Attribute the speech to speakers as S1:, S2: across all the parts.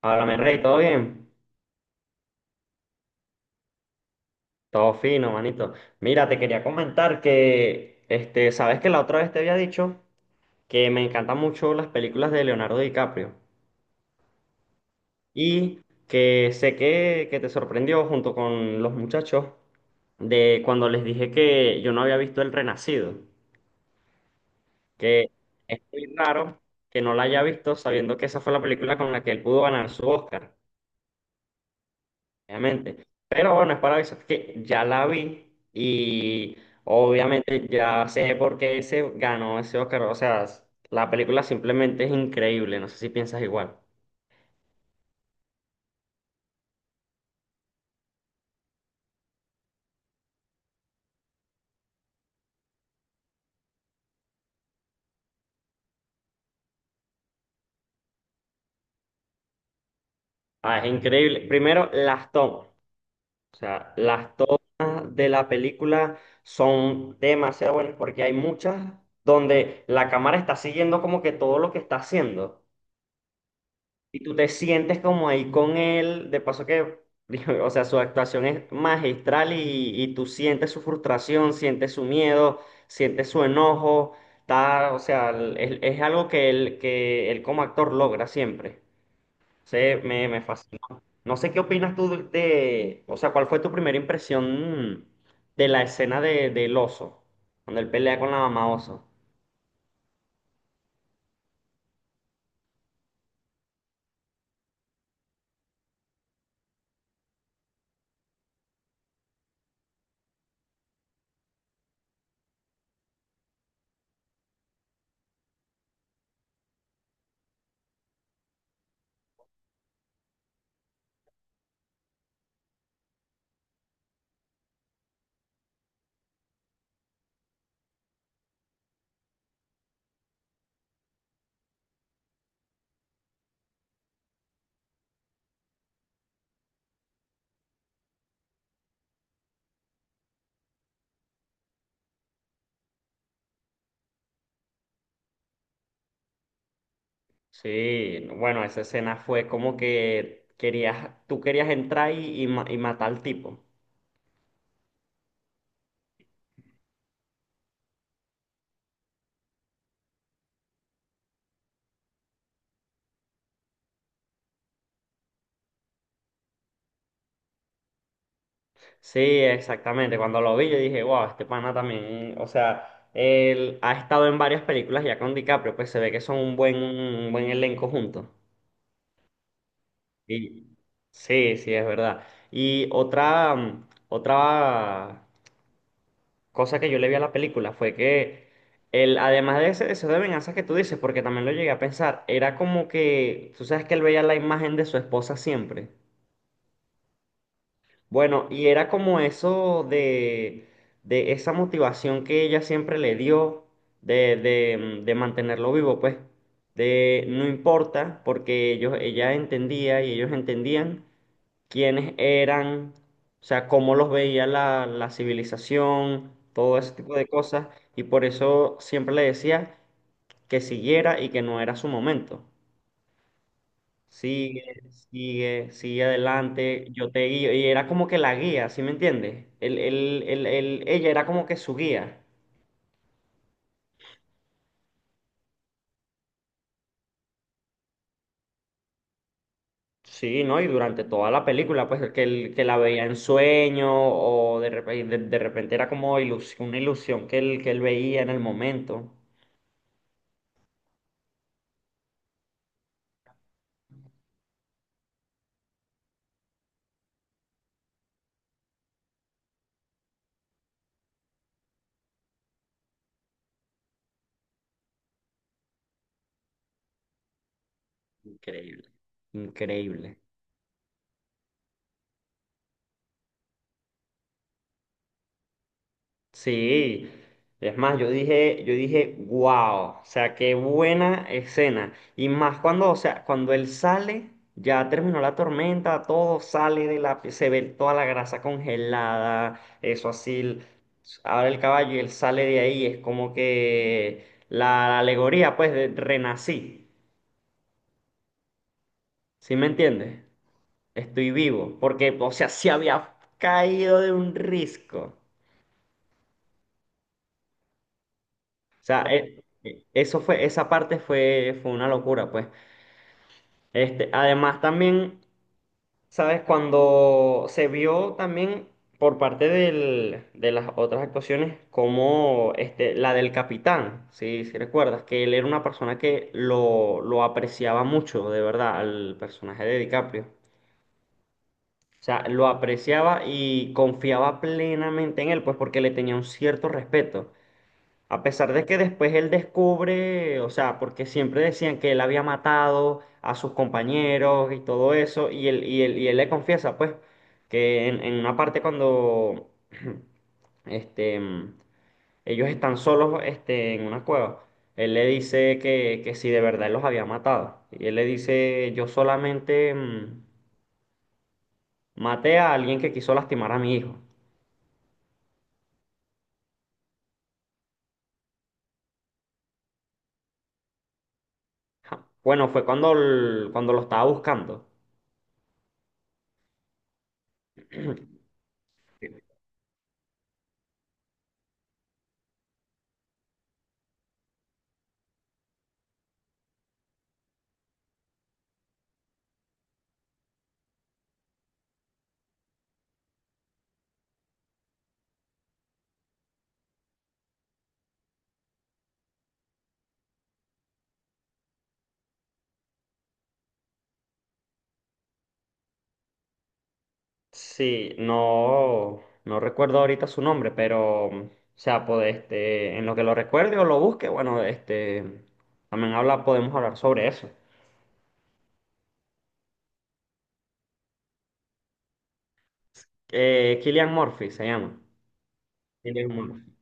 S1: Háblame, Rey, ¿todo bien? Todo fino, manito. Mira, te quería comentar que sabes que la otra vez te había dicho que me encantan mucho las películas de Leonardo DiCaprio y que sé que te sorprendió junto con los muchachos de cuando les dije que yo no había visto El Renacido, que es muy raro que no la haya visto sabiendo que esa fue la película con la que él pudo ganar su Oscar. Obviamente. Pero bueno, es para eso que ya la vi y obviamente ya sé por qué se ganó ese Oscar. O sea, la película simplemente es increíble. No sé si piensas igual. Ah, es increíble. Primero, las tomas. O sea, las tomas de la película son demasiado buenas porque hay muchas donde la cámara está siguiendo como que todo lo que está haciendo. Y tú te sientes como ahí con él, de paso que, o sea, su actuación es magistral y tú sientes su frustración, sientes su miedo, sientes su enojo, está, o sea, es, algo que él como actor logra siempre. Me fascinó. No sé qué opinas tú de- o sea, ¿cuál fue tu primera impresión de la escena de, del oso, cuando él pelea con la mamá oso? Sí, no, bueno, esa escena fue como que querías, tú querías entrar y y matar al tipo. Sí, exactamente. Cuando lo vi, yo dije, wow, este pana también, o sea, él ha estado en varias películas ya con DiCaprio, pues se ve que son un buen elenco juntos. Y sí, sí, es verdad. Y otra, otra cosa que yo le vi a la película fue que él, además de ese deseo de venganza que tú dices, porque también lo llegué a pensar, era como que, tú sabes que él veía la imagen de su esposa siempre. Bueno, y era como eso de esa motivación que ella siempre le dio de mantenerlo vivo, pues, de no importa, porque ellos, ella entendía y ellos entendían quiénes eran, o sea, cómo los veía la civilización, todo ese tipo de cosas, y por eso siempre le decía que siguiera y que no era su momento. Sigue, sigue, sigue adelante, yo te guío, y era como que la guía, ¿sí me entiendes? Ella era como que su guía. Sí, ¿no? Y durante toda la película, pues que, él- que la veía en sueño o de repente, de repente era como ilusión, una ilusión que él veía en el momento. Increíble, increíble. Sí, es más, yo dije, wow, o sea, qué buena escena. Y más cuando, o sea, cuando él sale, ya terminó la tormenta, todo sale de la, se ve toda la grasa congelada, eso así. Ahora el caballo y él sale de ahí, es como que la alegoría, pues, de renací. ¿Sí me entiendes? Estoy vivo, porque, o sea, se había caído de un risco. O sea, eso fue, esa parte fue, fue una locura, pues. Este, además también, ¿sabes? Cuando se vio también por parte del- de las otras actuaciones, como este, la del capitán, si recuerdas, que él era una persona que lo apreciaba mucho, de verdad, al personaje de DiCaprio. O sea, lo apreciaba y confiaba plenamente en él, pues porque le tenía un cierto respeto. A pesar de que después él descubre, o sea, porque siempre decían que él había matado a sus compañeros y todo eso, y él le confiesa, pues, que en una parte cuando este, mm, ellos están solos este, en una cueva, él le dice que si de verdad él los había matado. Y él le dice, yo solamente maté a alguien que quiso lastimar a mi hijo. Ja. Bueno, fue cuando, el- cuando lo estaba buscando. Sí, no, no recuerdo ahorita su nombre, pero, o sea, pues, este, en lo que lo recuerde o lo busque, bueno, este, también habla, podemos hablar sobre eso. Cillian Murphy se llama. Cillian Murphy.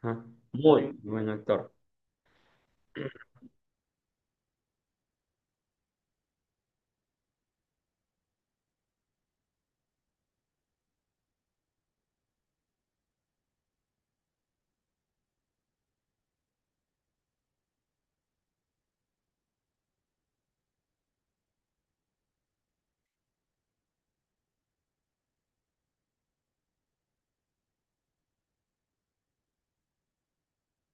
S1: Ajá. Muy buen actor.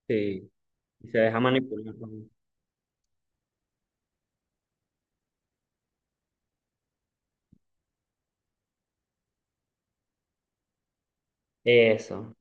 S1: Sí, y se deja manipular. Por- eso.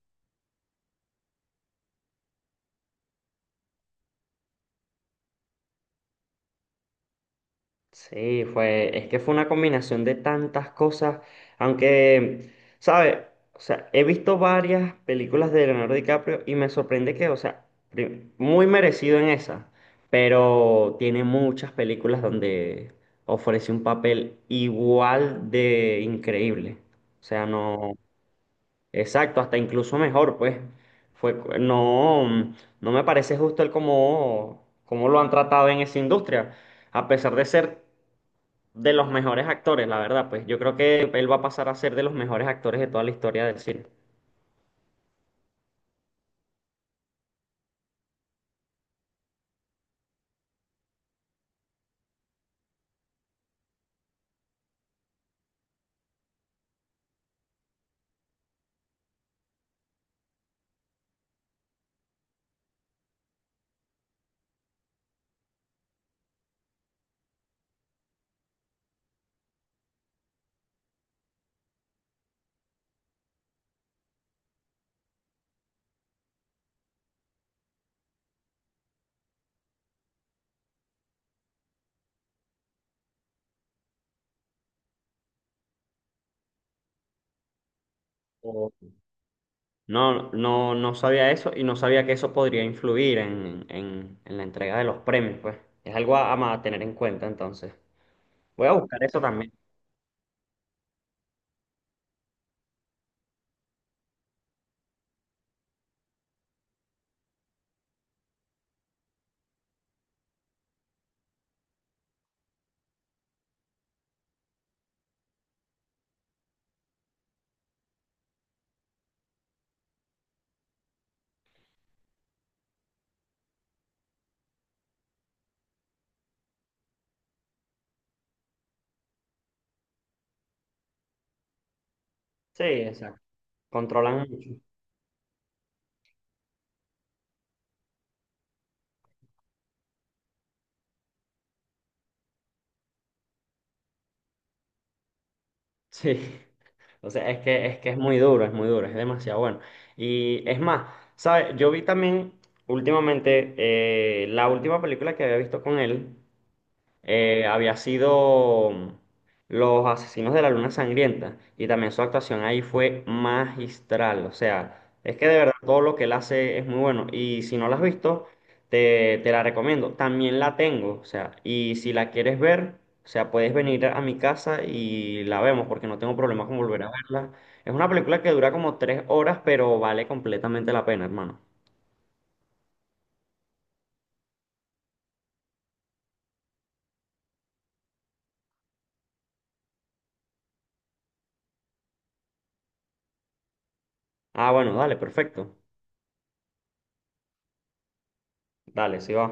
S1: Sí, fue, es que fue una combinación de tantas cosas, aunque, ¿sabes? O sea, he visto varias películas de Leonardo DiCaprio y me sorprende que, o sea, prim- muy merecido en esa, pero tiene muchas películas donde ofrece un papel igual de increíble. O sea, no, exacto, hasta incluso mejor, pues. Fue, cu- no, no me parece justo el cómo, cómo lo han tratado en esa industria a pesar de ser de los mejores actores, la verdad, pues yo creo que él va a pasar a ser de los mejores actores de toda la historia del cine. O- no, no, no sabía eso y no sabía que eso podría influir en la entrega de los premios, pues. Es algo a tener en cuenta, entonces. Voy a buscar eso también. Sí, exacto. Controlan mucho. Sí. O sea, es que, es que es muy duro, es muy duro, es demasiado bueno. Y es más, ¿sabes? Yo vi también últimamente la última película que había visto con él. Había sido Los Asesinos de la Luna Sangrienta y también su actuación ahí fue magistral, o sea, es que de verdad todo lo que él hace es muy bueno y si no la has visto, te la recomiendo, también la tengo, o sea, y si la quieres ver, o sea, puedes venir a mi casa y la vemos porque no tengo problema con volver a verla. Es una película que dura como 3 horas, pero vale completamente la pena, hermano. Ah, bueno, dale, perfecto. Dale, sí va.